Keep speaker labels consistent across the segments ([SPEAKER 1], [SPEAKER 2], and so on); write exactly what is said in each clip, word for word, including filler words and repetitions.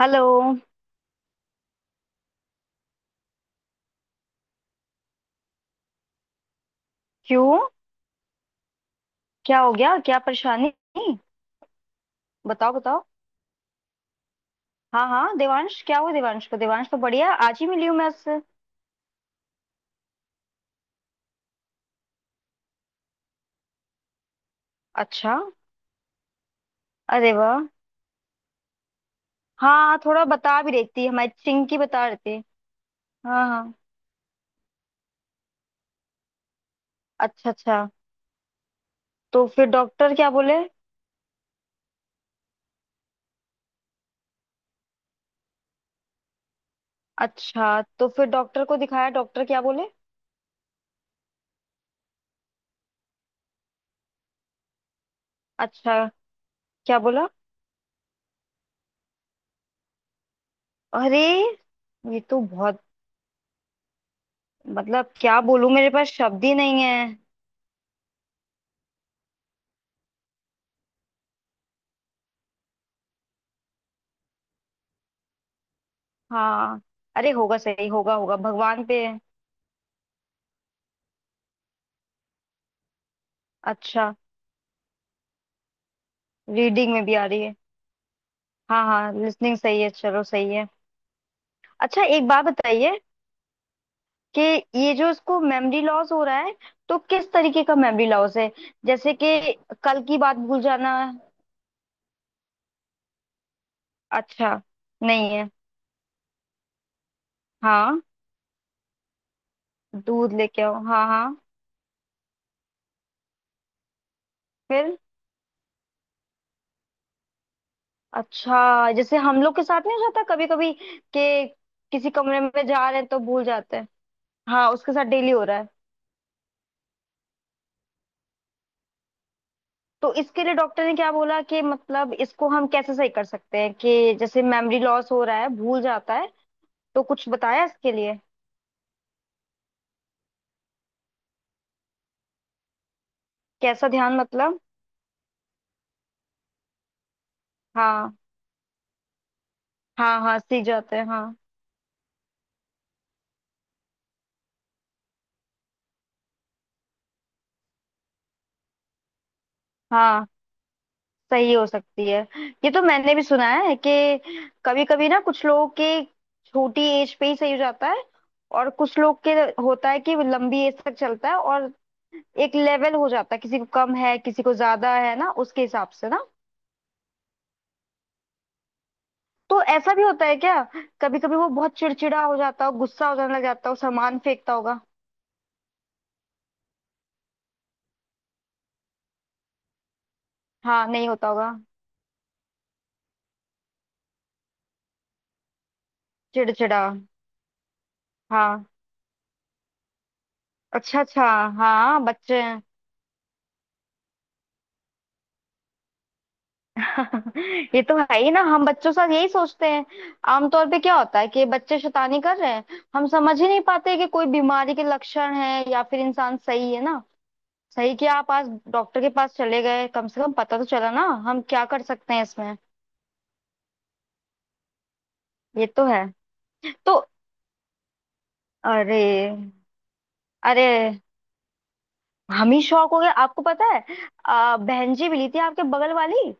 [SPEAKER 1] Hello. क्यों? क्या हो गया? क्या परेशानी? बताओ बताओ। हाँ हाँ, देवांश क्या हुआ? देवांश को देवांश तो बढ़िया है, आज ही मिली हूँ मैं उससे। अच्छा, अरे वाह। हाँ हाँ, थोड़ा बता भी रही थी, हमारी चिंकी बता रही थी। हाँ हाँ। अच्छा अच्छा, तो फिर डॉक्टर क्या बोले? अच्छा तो फिर डॉक्टर को दिखाया, डॉक्टर क्या बोले? अच्छा, क्या बोला? अरे, ये तो बहुत... मतलब क्या बोलूं, मेरे पास शब्द ही नहीं है। हाँ, अरे होगा, सही होगा, होगा, भगवान पे है। अच्छा, रीडिंग में भी आ रही है? हाँ हाँ, लिसनिंग सही है, चलो सही है। अच्छा एक बात बताइए, कि ये जो इसको मेमोरी लॉस हो रहा है, तो किस तरीके का मेमोरी लॉस है? जैसे कि कल की बात भूल जाना? अच्छा, नहीं है। हाँ, दूध लेके आओ, हाँ हाँ। फिर? अच्छा जैसे हम लोग के साथ नहीं हो जाता कभी कभी, कि किसी कमरे में जा रहे हैं तो भूल जाते हैं? हाँ उसके साथ डेली हो रहा है। तो इसके लिए डॉक्टर ने क्या बोला, कि मतलब इसको हम कैसे सही कर सकते हैं, कि जैसे मेमोरी लॉस हो रहा है, भूल जाता है, तो कुछ बताया इसके लिए? कैसा ध्यान, मतलब? हाँ, हाँ हाँ सीख जाते हैं हाँ। हाँ, सही हो सकती है। ये तो मैंने भी सुना है, कि कभी कभी ना कुछ लोगों के छोटी एज पे ही सही हो जाता है, और कुछ लोग के होता है कि वो लंबी एज तक चलता है, और एक लेवल हो जाता है, किसी को कम है किसी को ज्यादा है ना, उसके हिसाब से ना। तो ऐसा भी होता है क्या, कभी कभी वो बहुत चिड़चिड़ा हो जाता हो, गुस्सा हो जाने लग जाता हो, सामान फेंकता होगा? हाँ, नहीं होता होगा। चिड़चिड़ा। हाँ, अच्छा अच्छा। हाँ बच्चे हैं। ये तो है ही ना, हम बच्चों के साथ यही सोचते हैं आमतौर पे, क्या होता है कि बच्चे शैतानी कर रहे हैं। हम समझ ही नहीं पाते कि कोई बीमारी के लक्षण है या फिर इंसान सही है ना। सही कि आप आज डॉक्टर के पास चले गए, कम से कम पता तो चला ना। हम क्या कर सकते हैं इसमें। ये तो है। तो अरे, अरे, हम ही शौक हो गए, आपको पता है? आ, बहन जी मिली थी, आपके बगल वाली।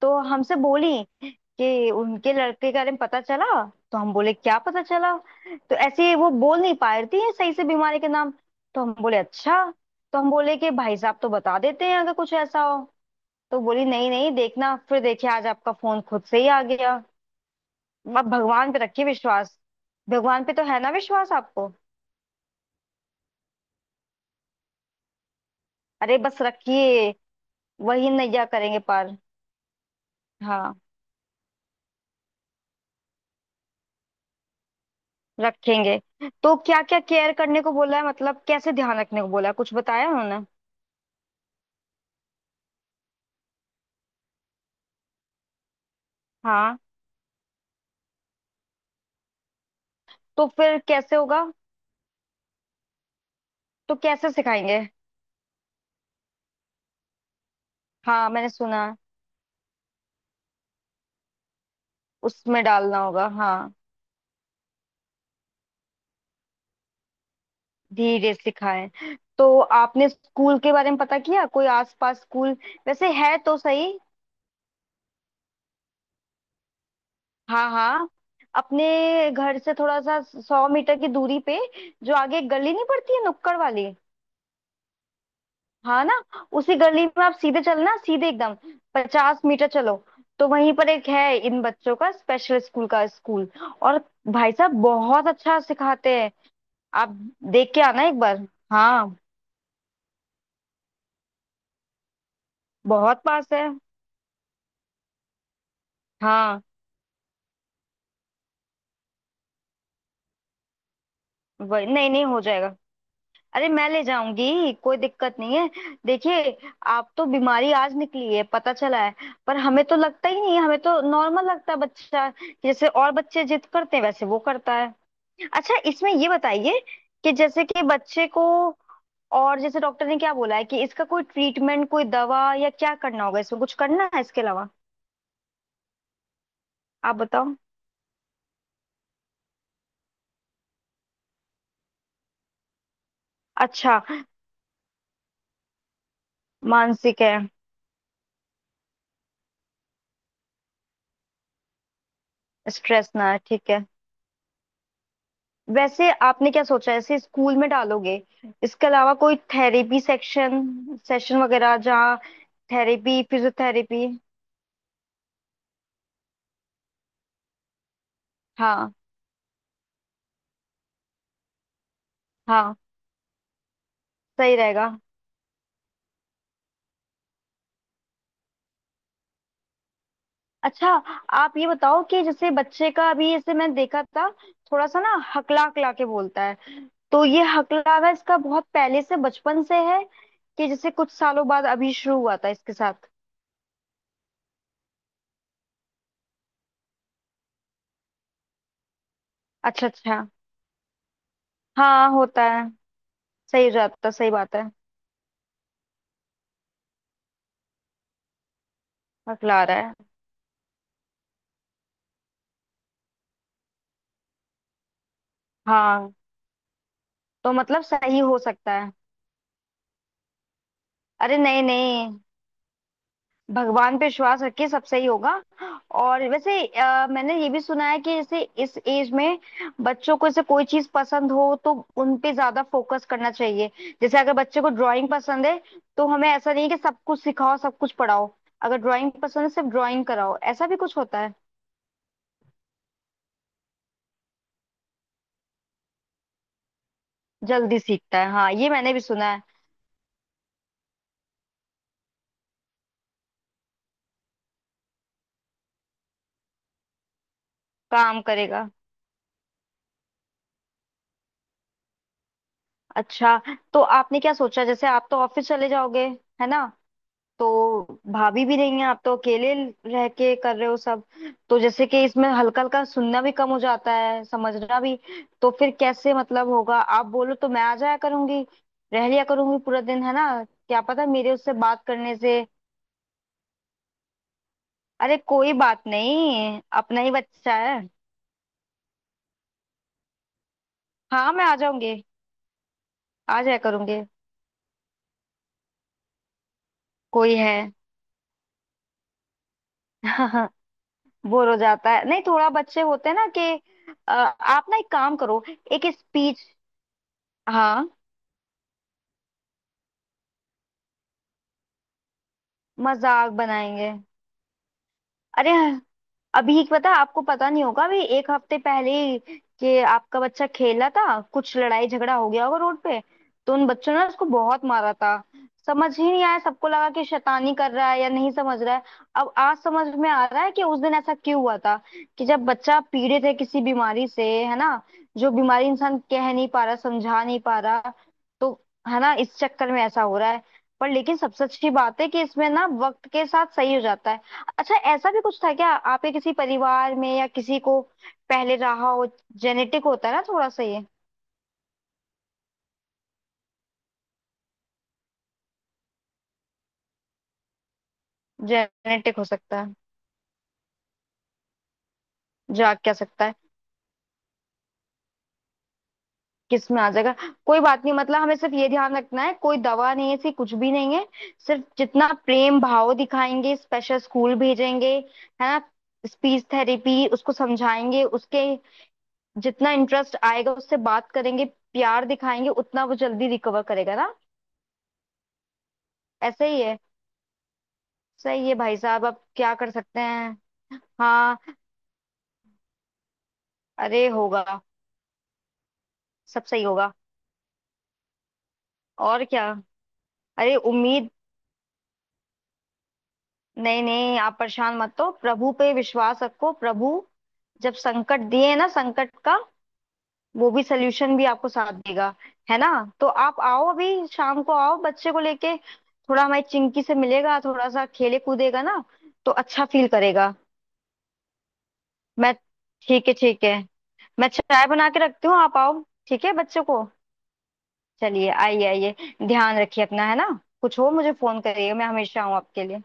[SPEAKER 1] तो हमसे बोली कि उनके लड़के के बारे में पता चला। तो हम बोले क्या पता चला? तो ऐसे ही वो बोल नहीं पा रही थी सही से बीमारी के नाम। तो हम बोले अच्छा। तो हम बोले कि भाई साहब, तो बता देते हैं अगर कुछ ऐसा हो। तो बोली नहीं नहीं, देखना, फिर देखिए आज आपका फोन खुद से ही आ गया। अब भगवान पे रखिए विश्वास। भगवान पे तो है ना विश्वास आपको? अरे बस रखिए, वही नैया करेंगे पार। हाँ, रखेंगे। तो क्या क्या केयर करने को बोला है, मतलब कैसे ध्यान रखने को बोला है, कुछ बताया उन्होंने? हाँ, तो फिर कैसे होगा? तो कैसे सिखाएंगे? हाँ मैंने सुना है, उसमें डालना होगा हाँ। धीरे सिखाएं। तो आपने स्कूल के बारे में पता किया, कोई आसपास स्कूल? वैसे है तो सही। हाँ हाँ, अपने घर से थोड़ा सा सौ मीटर की दूरी पे, जो आगे एक गली नहीं पड़ती है नुक्कड़ वाली, हाँ ना, उसी गली में आप सीधे चलना, सीधे एकदम पचास मीटर चलो, तो वहीं पर एक है, इन बच्चों का स्पेशल स्कूल का स्कूल। और भाई साहब बहुत अच्छा सिखाते हैं। आप देख के आना एक बार। हाँ बहुत पास है। हाँ वही, नहीं नहीं हो जाएगा। अरे मैं ले जाऊंगी, कोई दिक्कत नहीं है। देखिए, आप तो बीमारी आज निकली है, पता चला है। पर हमें तो लगता ही नहीं है, हमें तो नॉर्मल लगता है बच्चा। जैसे और बच्चे जिद करते हैं वैसे वो करता है। अच्छा इसमें ये बताइए, कि जैसे कि बच्चे को, और जैसे डॉक्टर ने क्या बोला है, कि इसका कोई ट्रीटमेंट, कोई दवा, या क्या करना होगा, इसमें कुछ करना है इसके अलावा? आप बताओ। अच्छा, मानसिक है। स्ट्रेस ना, है ठीक है। वैसे आपने क्या सोचा है, इसे स्कूल में डालोगे? इसके अलावा कोई थेरेपी सेक्शन, सेशन वगैरह जहाँ? Therapy, physiotherapy. हाँ, हाँ सही रहेगा। अच्छा आप ये बताओ कि जैसे बच्चे का अभी, जैसे मैंने देखा था, थोड़ा सा ना हकला हकला के बोलता है। तो ये हकलावा इसका बहुत पहले से बचपन से है, कि जैसे कुछ सालों बाद अभी शुरू हुआ था इसके साथ? अच्छा अच्छा, हाँ होता है। सही हो जाता, सही बात है। हकला रहा है। हाँ, तो मतलब सही हो सकता है। अरे नहीं नहीं, भगवान पे विश्वास रखिए, सब सही होगा। और वैसे अ, मैंने ये भी सुना है, कि जैसे इस एज में बच्चों को, जैसे कोई चीज पसंद हो, तो उन पे ज्यादा फोकस करना चाहिए। जैसे अगर बच्चे को ड्राइंग पसंद है, तो हमें ऐसा नहीं कि सब कुछ सिखाओ, सब कुछ पढ़ाओ। अगर ड्राइंग पसंद है, सिर्फ ड्राइंग कराओ, ऐसा भी कुछ होता है? जल्दी सीखता है हाँ, ये मैंने भी सुना है। काम करेगा। अच्छा, तो आपने क्या सोचा, जैसे आप तो ऑफिस चले जाओगे, है ना? तो भाभी भी नहीं है, आप तो अकेले रह के कर रहे हो सब। तो जैसे कि इसमें हल्का हल्का सुनना भी कम हो जाता है, समझना भी। तो फिर कैसे मतलब होगा? आप बोलो तो मैं आ जाया करूंगी, रह लिया करूंगी पूरा दिन, है ना, क्या पता मेरे उससे बात करने से। अरे कोई बात नहीं, अपना ही बच्चा है। हाँ मैं आ जाऊंगी, आ जाया करूंगी। कोई है। बोर हो जाता है? नहीं, थोड़ा बच्चे होते हैं ना कि... अ, आप ना एक काम करो। एक स्पीच। हाँ, मजाक बनाएंगे। अरे, अभी पता, आपको पता नहीं होगा, अभी एक हफ्ते पहले ही, कि आपका बच्चा खेला था, कुछ लड़ाई झगड़ा हो गया होगा रोड पे। तो उन बच्चों ने उसको बहुत मारा था। समझ ही नहीं आया, सबको लगा कि शैतानी कर रहा है या नहीं समझ रहा है। अब आज समझ में आ रहा है कि उस दिन ऐसा क्यों हुआ था। कि जब बच्चा पीड़ित है किसी बीमारी से, है ना, जो बीमारी इंसान कह नहीं पा रहा, समझा नहीं पा रहा, तो, है ना, इस चक्कर में ऐसा हो रहा है। पर लेकिन सबसे अच्छी बात है कि इसमें ना वक्त के साथ सही हो जाता है। अच्छा, ऐसा भी कुछ था क्या आपके किसी परिवार में, या किसी को पहले रहा हो? जेनेटिक होता है ना थोड़ा सा ये। जेनेटिक हो सकता है। जाग क्या सकता है? किस में आ जाएगा? कोई बात नहीं, मतलब हमें सिर्फ ये ध्यान रखना है, कोई दवा नहीं है, ऐसी कुछ भी नहीं है, सिर्फ जितना प्रेम भाव दिखाएंगे, स्पेशल स्कूल भेजेंगे, है ना, स्पीच थेरेपी उसको समझाएंगे, उसके जितना इंटरेस्ट आएगा उससे बात करेंगे, प्यार दिखाएंगे, उतना वो जल्दी रिकवर करेगा ना। ऐसे ही है। सही है भाई साहब, अब क्या कर सकते हैं। हाँ अरे, होगा, सब सही होगा। और क्या। अरे उम्मीद, नहीं नहीं आप परेशान मत हो, प्रभु पे विश्वास रखो। प्रभु जब संकट दिए ना, संकट का वो भी सल्यूशन भी आपको साथ देगा, है ना? तो आप आओ अभी शाम को, आओ बच्चे को लेके, थोड़ा हमारी चिंकी से मिलेगा, थोड़ा सा खेले कूदेगा ना, तो अच्छा फील करेगा। मैं, ठीक है ठीक है, मैं चाय बना के रखती हूँ, आप आओ। ठीक है, बच्चे को चलिए, आइए आइए। ध्यान रखिए, अपना है ना। कुछ हो मुझे फोन करिएगा, मैं हमेशा हूँ आपके लिए।